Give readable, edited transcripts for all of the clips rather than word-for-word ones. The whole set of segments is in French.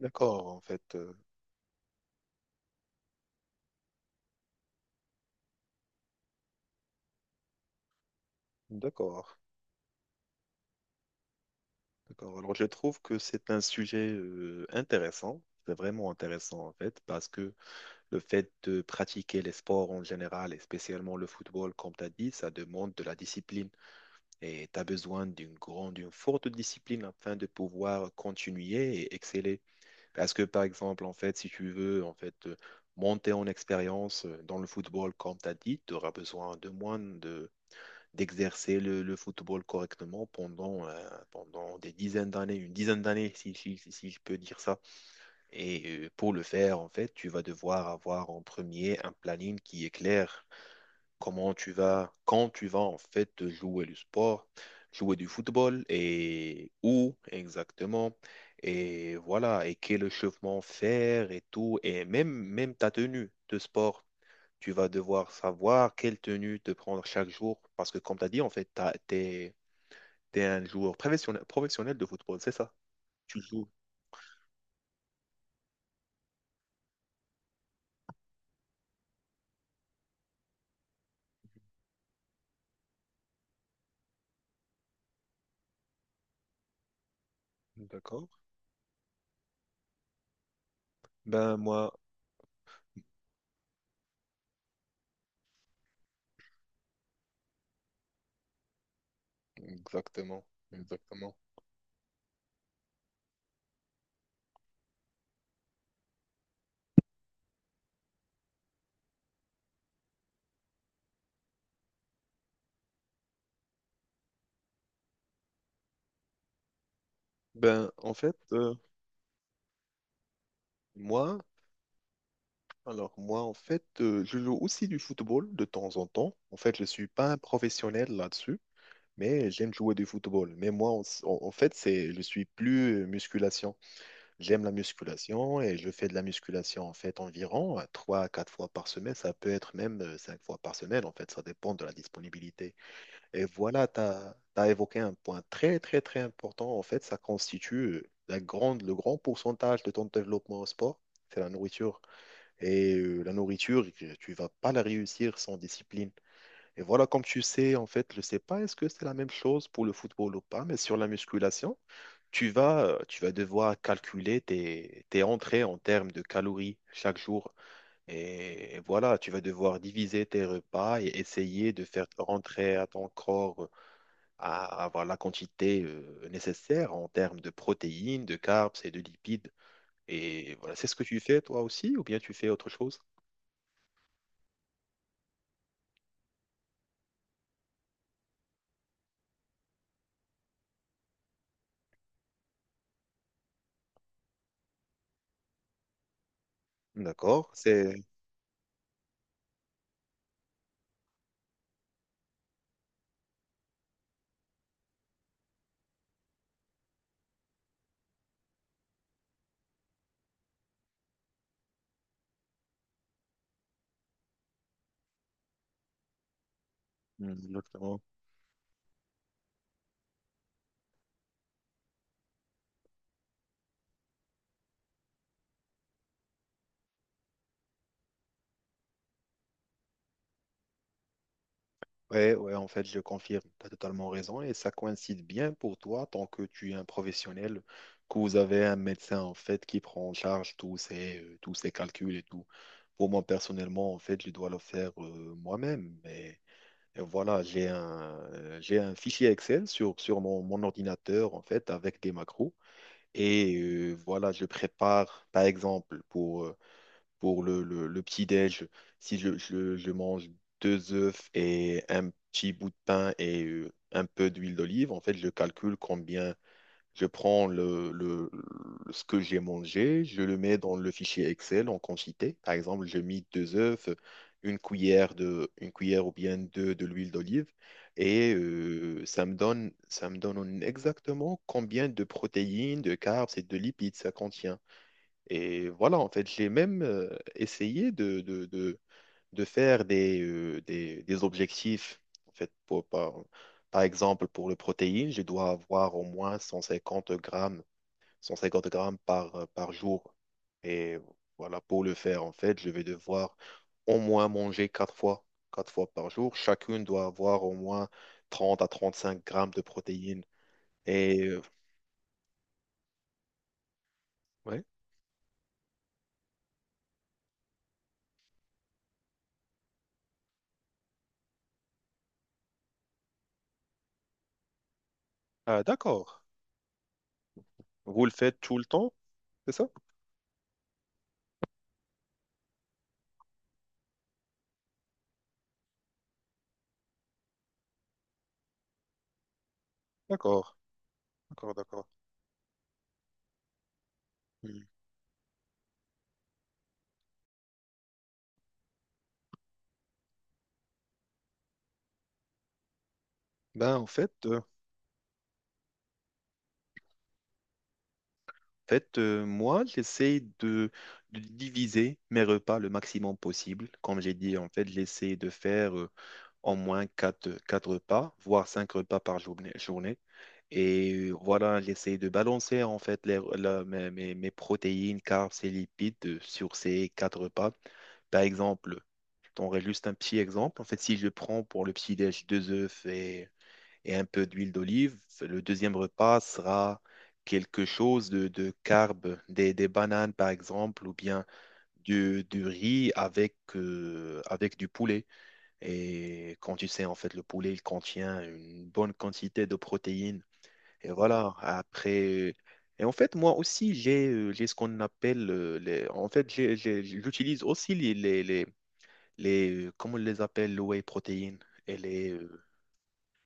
D'accord, en fait. D'accord, d'accord. Alors, je trouve que c'est un sujet intéressant. C'est vraiment intéressant, en fait, parce que le fait de pratiquer les sports en général, et spécialement le football, comme tu as dit, ça demande de la discipline. Et tu as besoin d'une grande, d'une forte discipline afin de pouvoir continuer et exceller. Parce que, par exemple, en fait, si tu veux, en fait, monter en expérience dans le football, comme tu as dit, tu auras besoin de moins de d'exercer le football correctement pendant des dizaines d'années, une dizaine d'années, si je peux dire ça. Et pour le faire, en fait, tu vas devoir avoir en premier un planning qui est clair. Comment tu vas, quand tu vas en fait jouer du sport, jouer du football et où exactement. Et voilà, et quel échauffement faire et tout, et même, même ta tenue de sport. Tu vas devoir savoir quelle tenue te prendre chaque jour. Parce que, comme tu as dit, en fait, t'es un joueur professionnel de football, c'est ça? Tu joues. D'accord. Ben, moi, exactement. Exactement. Ben, en fait, euh, moi, alors, moi, en fait, je joue aussi du football de temps en temps. En fait, je suis pas un professionnel là-dessus, mais j'aime jouer du football. Mais moi, en fait, c'est, je suis plus musculation. J'aime la musculation et je fais de la musculation en fait environ 3 à 4 fois par semaine. Ça peut être même 5 fois par semaine en fait, ça dépend de la disponibilité. Et voilà, tu as évoqué un point très très très important en fait, ça constitue le grand pourcentage de ton développement au sport, c'est la nourriture. Et la nourriture, tu vas pas la réussir sans discipline. Et voilà, comme tu sais en fait, je sais pas est-ce que c'est la même chose pour le football ou pas, mais sur la musculation tu vas devoir calculer tes entrées en termes de calories chaque jour. Et voilà, tu vas devoir diviser tes repas et essayer de faire rentrer à ton corps à avoir la quantité nécessaire en termes de protéines, de carbs et de lipides. Et voilà, c'est ce que tu fais toi aussi, ou bien tu fais autre chose? D'accord, c'est Mm, exactement. Ouais, ouais, en fait, je confirme, tu as totalement raison et ça coïncide bien pour toi tant que tu es un professionnel, que vous avez un médecin en fait qui prend en charge tous tous ces calculs et tout. Pour moi, personnellement, en fait, je dois le faire moi-même. Mais et voilà, j'ai un fichier Excel sur mon ordinateur en fait avec des macros et voilà, je prépare par exemple pour le petit-déj, si je mange deux œufs et un petit bout de pain et un peu d'huile d'olive, en fait, je calcule combien je prends ce que j'ai mangé, je le mets dans le fichier Excel en quantité. Par exemple, je mis deux œufs, une cuillère de, une cuillère ou bien deux de l'huile d'olive et ça me donne exactement combien de protéines, de carbs et de lipides ça contient. Et voilà, en fait, j'ai même essayé de faire des objectifs. En fait, par exemple, pour le protéine, je dois avoir au moins 150 grammes, 150 grammes par, par jour. Et voilà, pour le faire, en fait, je vais devoir au moins manger quatre fois par jour. Chacune doit avoir au moins 30 à 35 grammes de protéines. Et ouais, Ah, d'accord. Vous le faites tout le temps, c'est ça? D'accord, d'accord, d'accord. Hmm. Ben, en fait moi, j'essaie de diviser mes repas le maximum possible. Comme j'ai dit, en fait, j'essaie de faire au moins quatre repas, voire 5 repas par journée. Et voilà, j'essaie de balancer en fait les, la- mes, mes- mes protéines, carbs et lipides sur ces 4 repas. Par exemple, je t'en juste un petit exemple. En fait, si je prends pour le petit-déj deux œufs et un peu d'huile d'olive. Le deuxième repas sera quelque chose de carb, des bananes par exemple, ou bien du riz avec, avec du poulet. Et quand tu sais, en fait, le poulet, il contient une bonne quantité de protéines. Et voilà, après... Et en fait, moi aussi, j'ai ce qu'on appelle... En fait, j'utilise aussi Comment on les appelle, le whey protéine. Et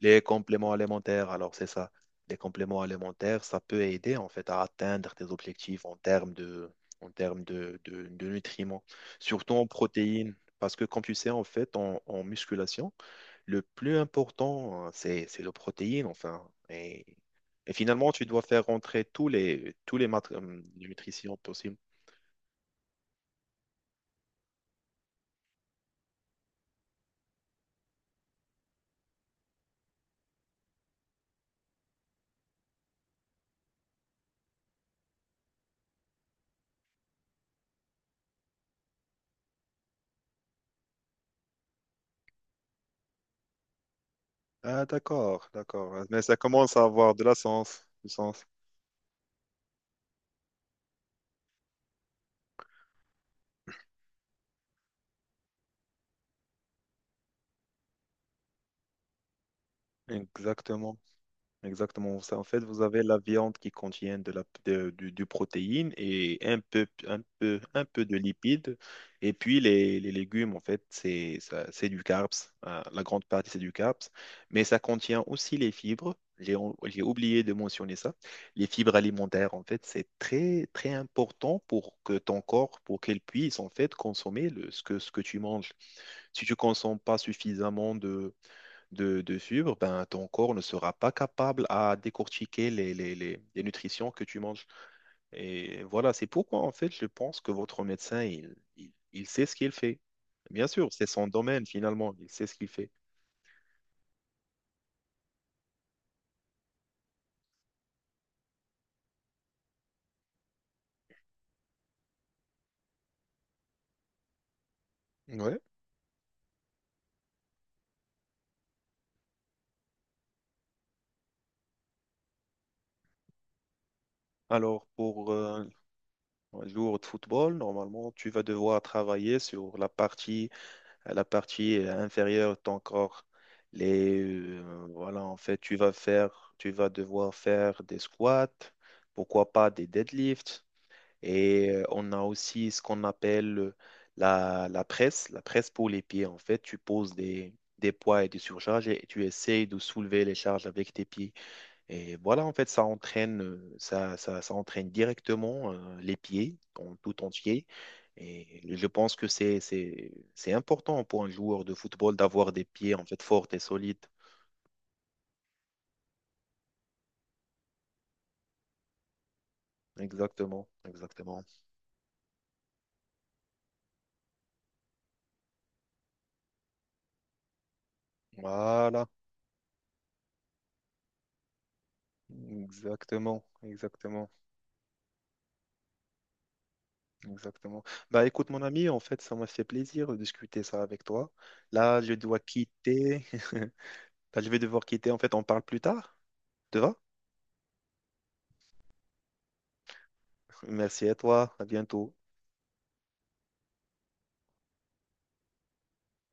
les compléments alimentaires, alors c'est ça. Les compléments alimentaires, ça peut aider en fait à atteindre tes objectifs en termes de, en termes de nutriments, surtout en protéines. Parce que comme tu sais, en fait, en musculation, le plus important, hein, c'est le protéine, enfin. Et finalement, tu dois faire rentrer tous les nutritions possibles. Ah, d'accord, d'accord. Mais ça commence à avoir de la sens, du sens. Exactement. Exactement ça. En fait, vous avez la viande qui contient de la, de- du protéine et un peu, un peu, un peu de lipides. Et puis les légumes, en fait, c'est, c'est du carbs. La grande partie, c'est du carbs. Mais ça contient aussi les fibres. J'ai oublié de mentionner ça. Les fibres alimentaires, en fait, c'est très, très important pour que ton corps, pour qu'il puisse, en fait, consommer ce que tu manges. Si tu consommes pas suffisamment de suivre, ben, ton corps ne sera pas capable à décortiquer les nutritions que tu manges. Et voilà, c'est pourquoi en fait je pense que votre médecin, il sait ce qu'il fait. Bien sûr, c'est son domaine finalement, il sait ce qu'il fait. Ouais. Alors, pour un jour de football, normalement, tu vas devoir travailler sur la partie inférieure de ton corps. Les, voilà, en fait, tu vas devoir faire des squats, pourquoi pas des deadlifts, Et on a aussi ce qu'on appelle la presse, la presse pour les pieds. En fait, tu poses des poids et des surcharges et tu essayes de soulever les charges avec tes pieds. Et voilà, en fait, ça entraîne directement les pieds en tout entier. Et je pense que c'est important pour un joueur de football d'avoir des pieds en fait forts et solides. Exactement, exactement. Voilà, exactement, exactement. Exactement. Bah écoute mon ami, en fait, ça m'a fait plaisir de discuter ça avec toi. Là, je dois quitter. Là, je vais devoir quitter. En fait, on parle plus tard. Te va? Merci à toi. À bientôt.